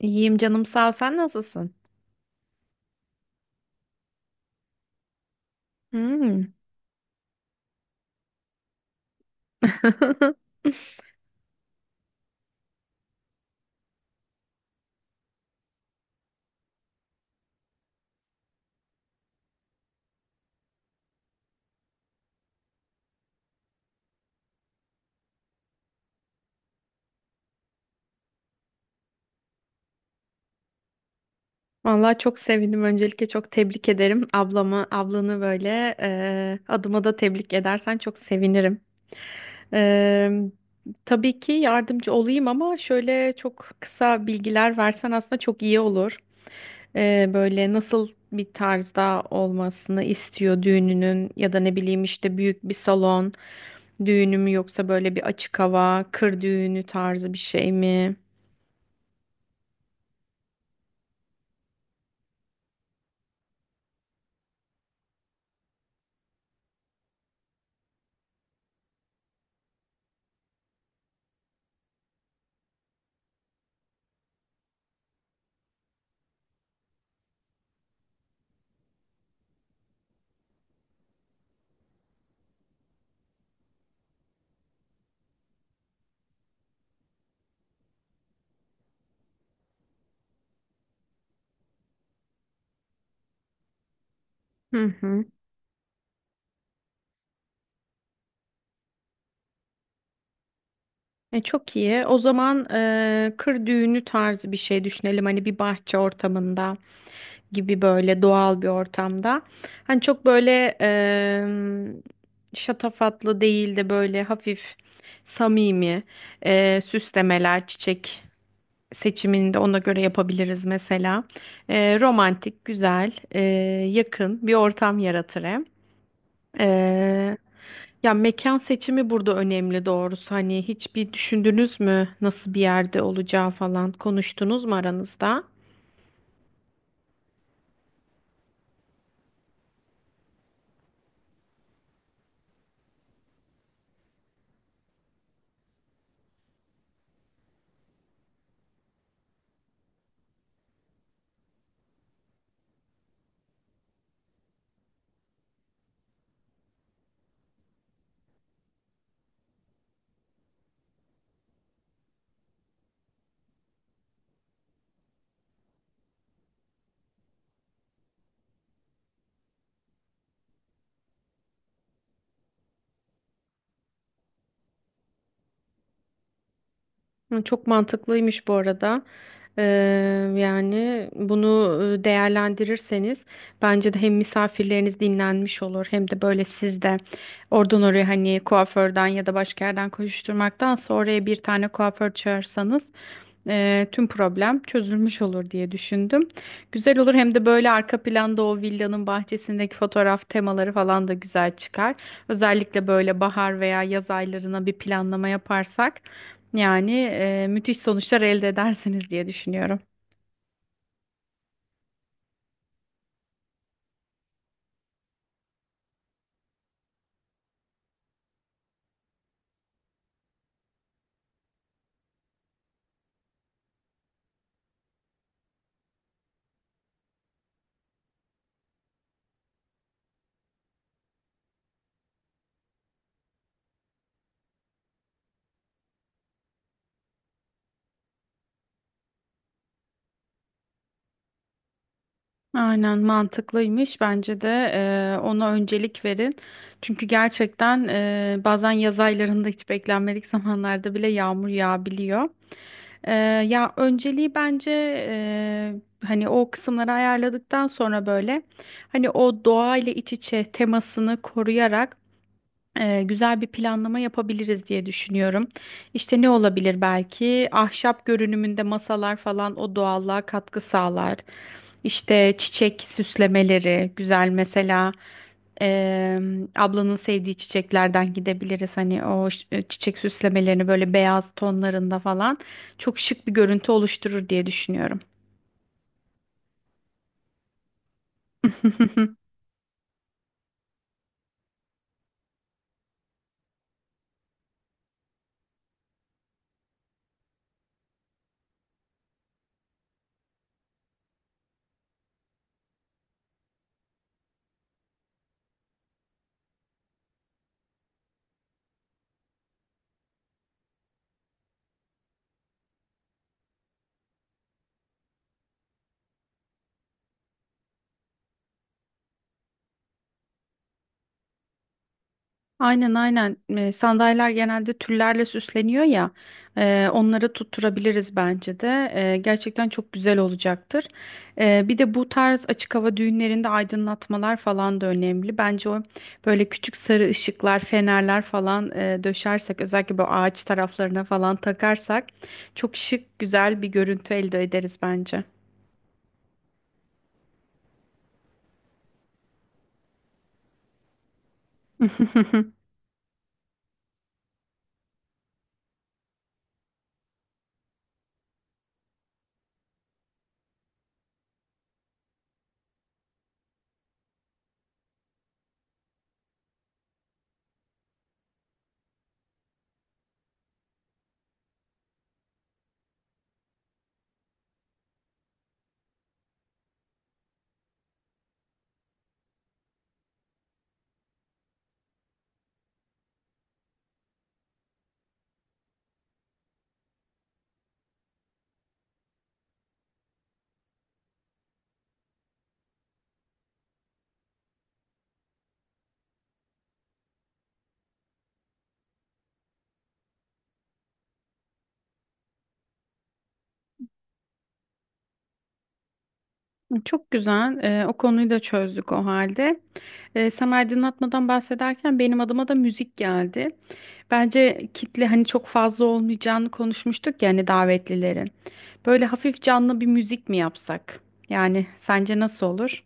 İyiyim canım sağ ol. Sen nasılsın? Hmm. Vallahi çok sevindim. Öncelikle çok tebrik ederim ablamı, ablanı böyle adıma da tebrik edersen çok sevinirim. E, tabii ki yardımcı olayım ama şöyle çok kısa bilgiler versen aslında çok iyi olur. Böyle nasıl bir tarzda olmasını istiyor düğününün ya da ne bileyim işte büyük bir salon düğünü mü yoksa böyle bir açık hava, kır düğünü tarzı bir şey mi? Hı hı. Çok iyi. O zaman kır düğünü tarzı bir şey düşünelim. Hani bir bahçe ortamında gibi böyle doğal bir ortamda. Hani çok böyle şatafatlı değil de böyle hafif samimi süslemeler, çiçek seçimini de ona göre yapabiliriz mesela. Romantik, güzel, yakın bir ortam yaratır hem. E, Ya mekan seçimi burada önemli doğrusu. Hani hiç bir düşündünüz mü nasıl bir yerde olacağı falan konuştunuz mu aranızda? Hı, çok mantıklıymış bu arada. Ee, Yani bunu değerlendirirseniz bence de hem misafirleriniz dinlenmiş olur hem de böyle siz de oradan oraya hani kuaförden ya da başka yerden koşuşturmaktansa oraya bir tane kuaför çağırsanız tüm problem çözülmüş olur diye düşündüm. Güzel olur hem de böyle arka planda o villanın bahçesindeki fotoğraf temaları falan da güzel çıkar. Özellikle böyle bahar veya yaz aylarına bir planlama yaparsak. Yani müthiş sonuçlar elde edersiniz diye düşünüyorum. Aynen mantıklıymış. Bence de ona öncelik verin. Çünkü gerçekten bazen yaz aylarında hiç beklenmedik zamanlarda bile yağmur yağabiliyor. E, Ya önceliği bence hani o kısımları ayarladıktan sonra böyle hani o doğayla iç içe temasını koruyarak güzel bir planlama yapabiliriz diye düşünüyorum. İşte ne olabilir belki? Ahşap görünümünde masalar falan o doğallığa katkı sağlar. İşte çiçek süslemeleri güzel mesela. e, Ablanın sevdiği çiçeklerden gidebiliriz. Hani o çiçek süslemelerini böyle beyaz tonlarında falan çok şık bir görüntü oluşturur diye düşünüyorum. Aynen aynen. Sandalyeler genelde tüllerle süsleniyor ya onları tutturabiliriz bence de. Gerçekten çok güzel olacaktır. Bir de bu tarz açık hava düğünlerinde aydınlatmalar falan da önemli. Bence o böyle küçük sarı ışıklar, fenerler falan döşersek özellikle bu ağaç taraflarına falan takarsak çok şık güzel bir görüntü elde ederiz bence. Çok güzel. O konuyu da çözdük o halde. Sen aydınlatmadan bahsederken benim adıma da müzik geldi. Bence kitle hani çok fazla olmayacağını konuşmuştuk yani davetlilerin. Böyle hafif canlı bir müzik mi yapsak? Yani sence nasıl olur?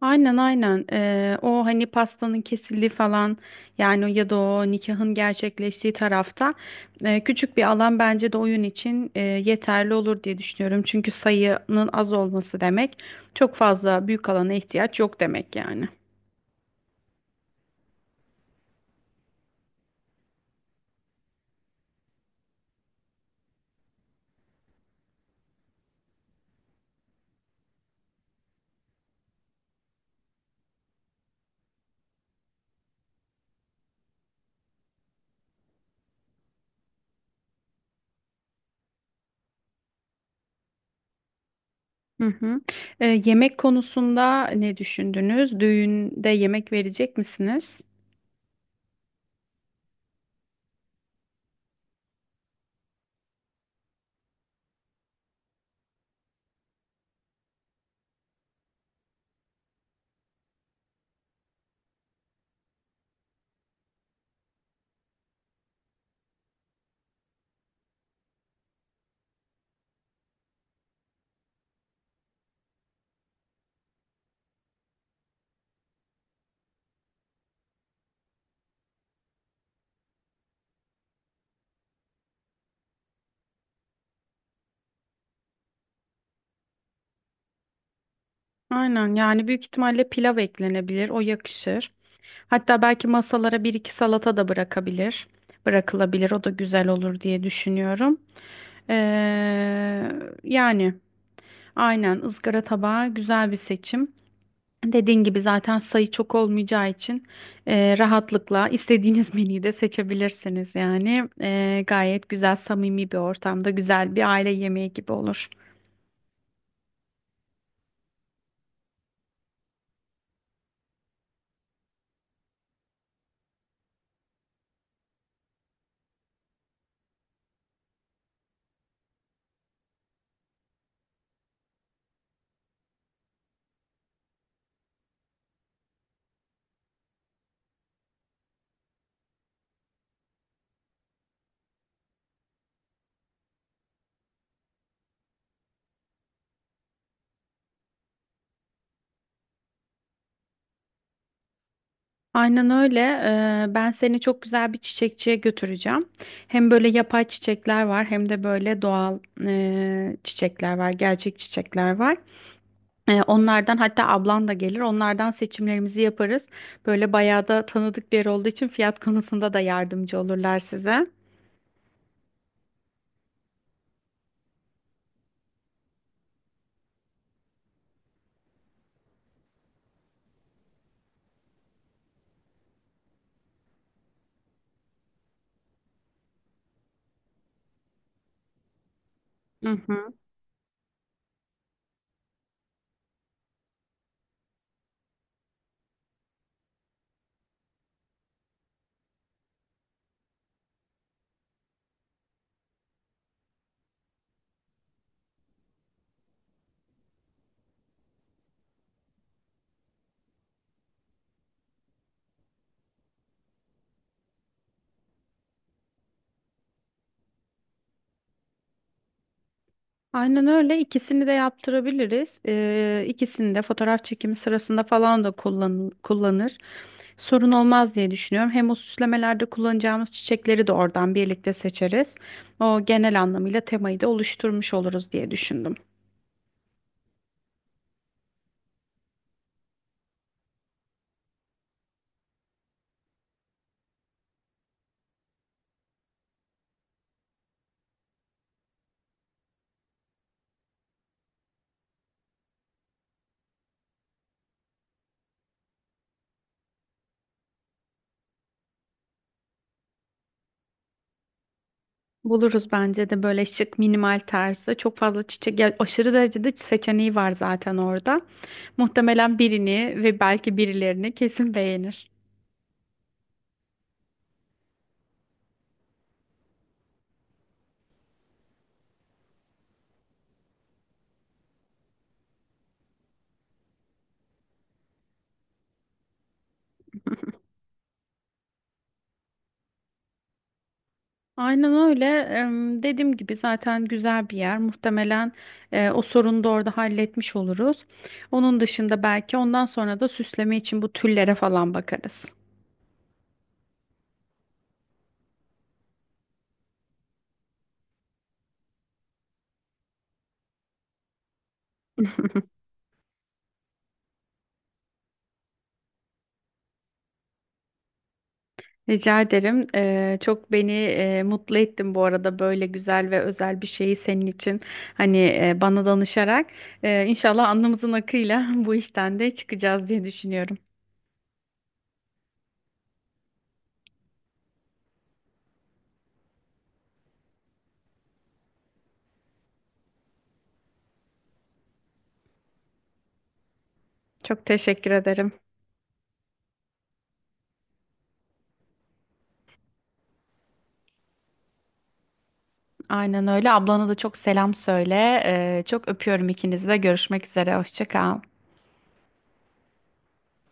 Aynen aynen. O hani pastanın kesildiği falan yani ya da o nikahın gerçekleştiği tarafta küçük bir alan bence de oyun için yeterli olur diye düşünüyorum. Çünkü sayının az olması demek çok fazla büyük alana ihtiyaç yok demek yani. Hı hı. Yemek konusunda ne düşündünüz? Düğünde yemek verecek misiniz? Aynen, yani büyük ihtimalle pilav eklenebilir. O yakışır. Hatta belki masalara bir iki salata da bırakabilir. Bırakılabilir. O da güzel olur diye düşünüyorum. Ee, Yani aynen ızgara tabağı güzel bir seçim. Dediğin gibi zaten sayı çok olmayacağı için rahatlıkla istediğiniz menüyü de seçebilirsiniz. Yani gayet güzel, samimi bir ortamda güzel bir aile yemeği gibi olur. Aynen öyle. Ben seni çok güzel bir çiçekçiye götüreceğim. Hem böyle yapay çiçekler var hem de böyle doğal çiçekler var, gerçek çiçekler var. Onlardan hatta ablan da gelir. Onlardan seçimlerimizi yaparız. Böyle bayağı da tanıdık bir yer olduğu için fiyat konusunda da yardımcı olurlar size. Hı hı. Aynen öyle. İkisini de yaptırabiliriz. İkisini de fotoğraf çekimi sırasında falan da kullanır. Sorun olmaz diye düşünüyorum. Hem o süslemelerde kullanacağımız çiçekleri de oradan birlikte seçeriz. O genel anlamıyla temayı da oluşturmuş oluruz diye düşündüm. Buluruz bence de böyle şık minimal tarzda çok fazla çiçek ya aşırı derecede seçeneği var zaten orada. Muhtemelen birini ve belki birilerini kesin beğenir. Aynen öyle. Dediğim gibi zaten güzel bir yer. Muhtemelen o sorunu da orada halletmiş oluruz. Onun dışında belki ondan sonra da süsleme için bu tüllere falan bakarız. Rica ederim. Çok beni mutlu ettin bu arada böyle güzel ve özel bir şeyi senin için hani bana danışarak. İnşallah alnımızın akıyla bu işten de çıkacağız diye düşünüyorum. Çok teşekkür ederim. Aynen öyle. Ablana da çok selam söyle. Çok öpüyorum ikinizi de. Görüşmek üzere. Hoşça kal.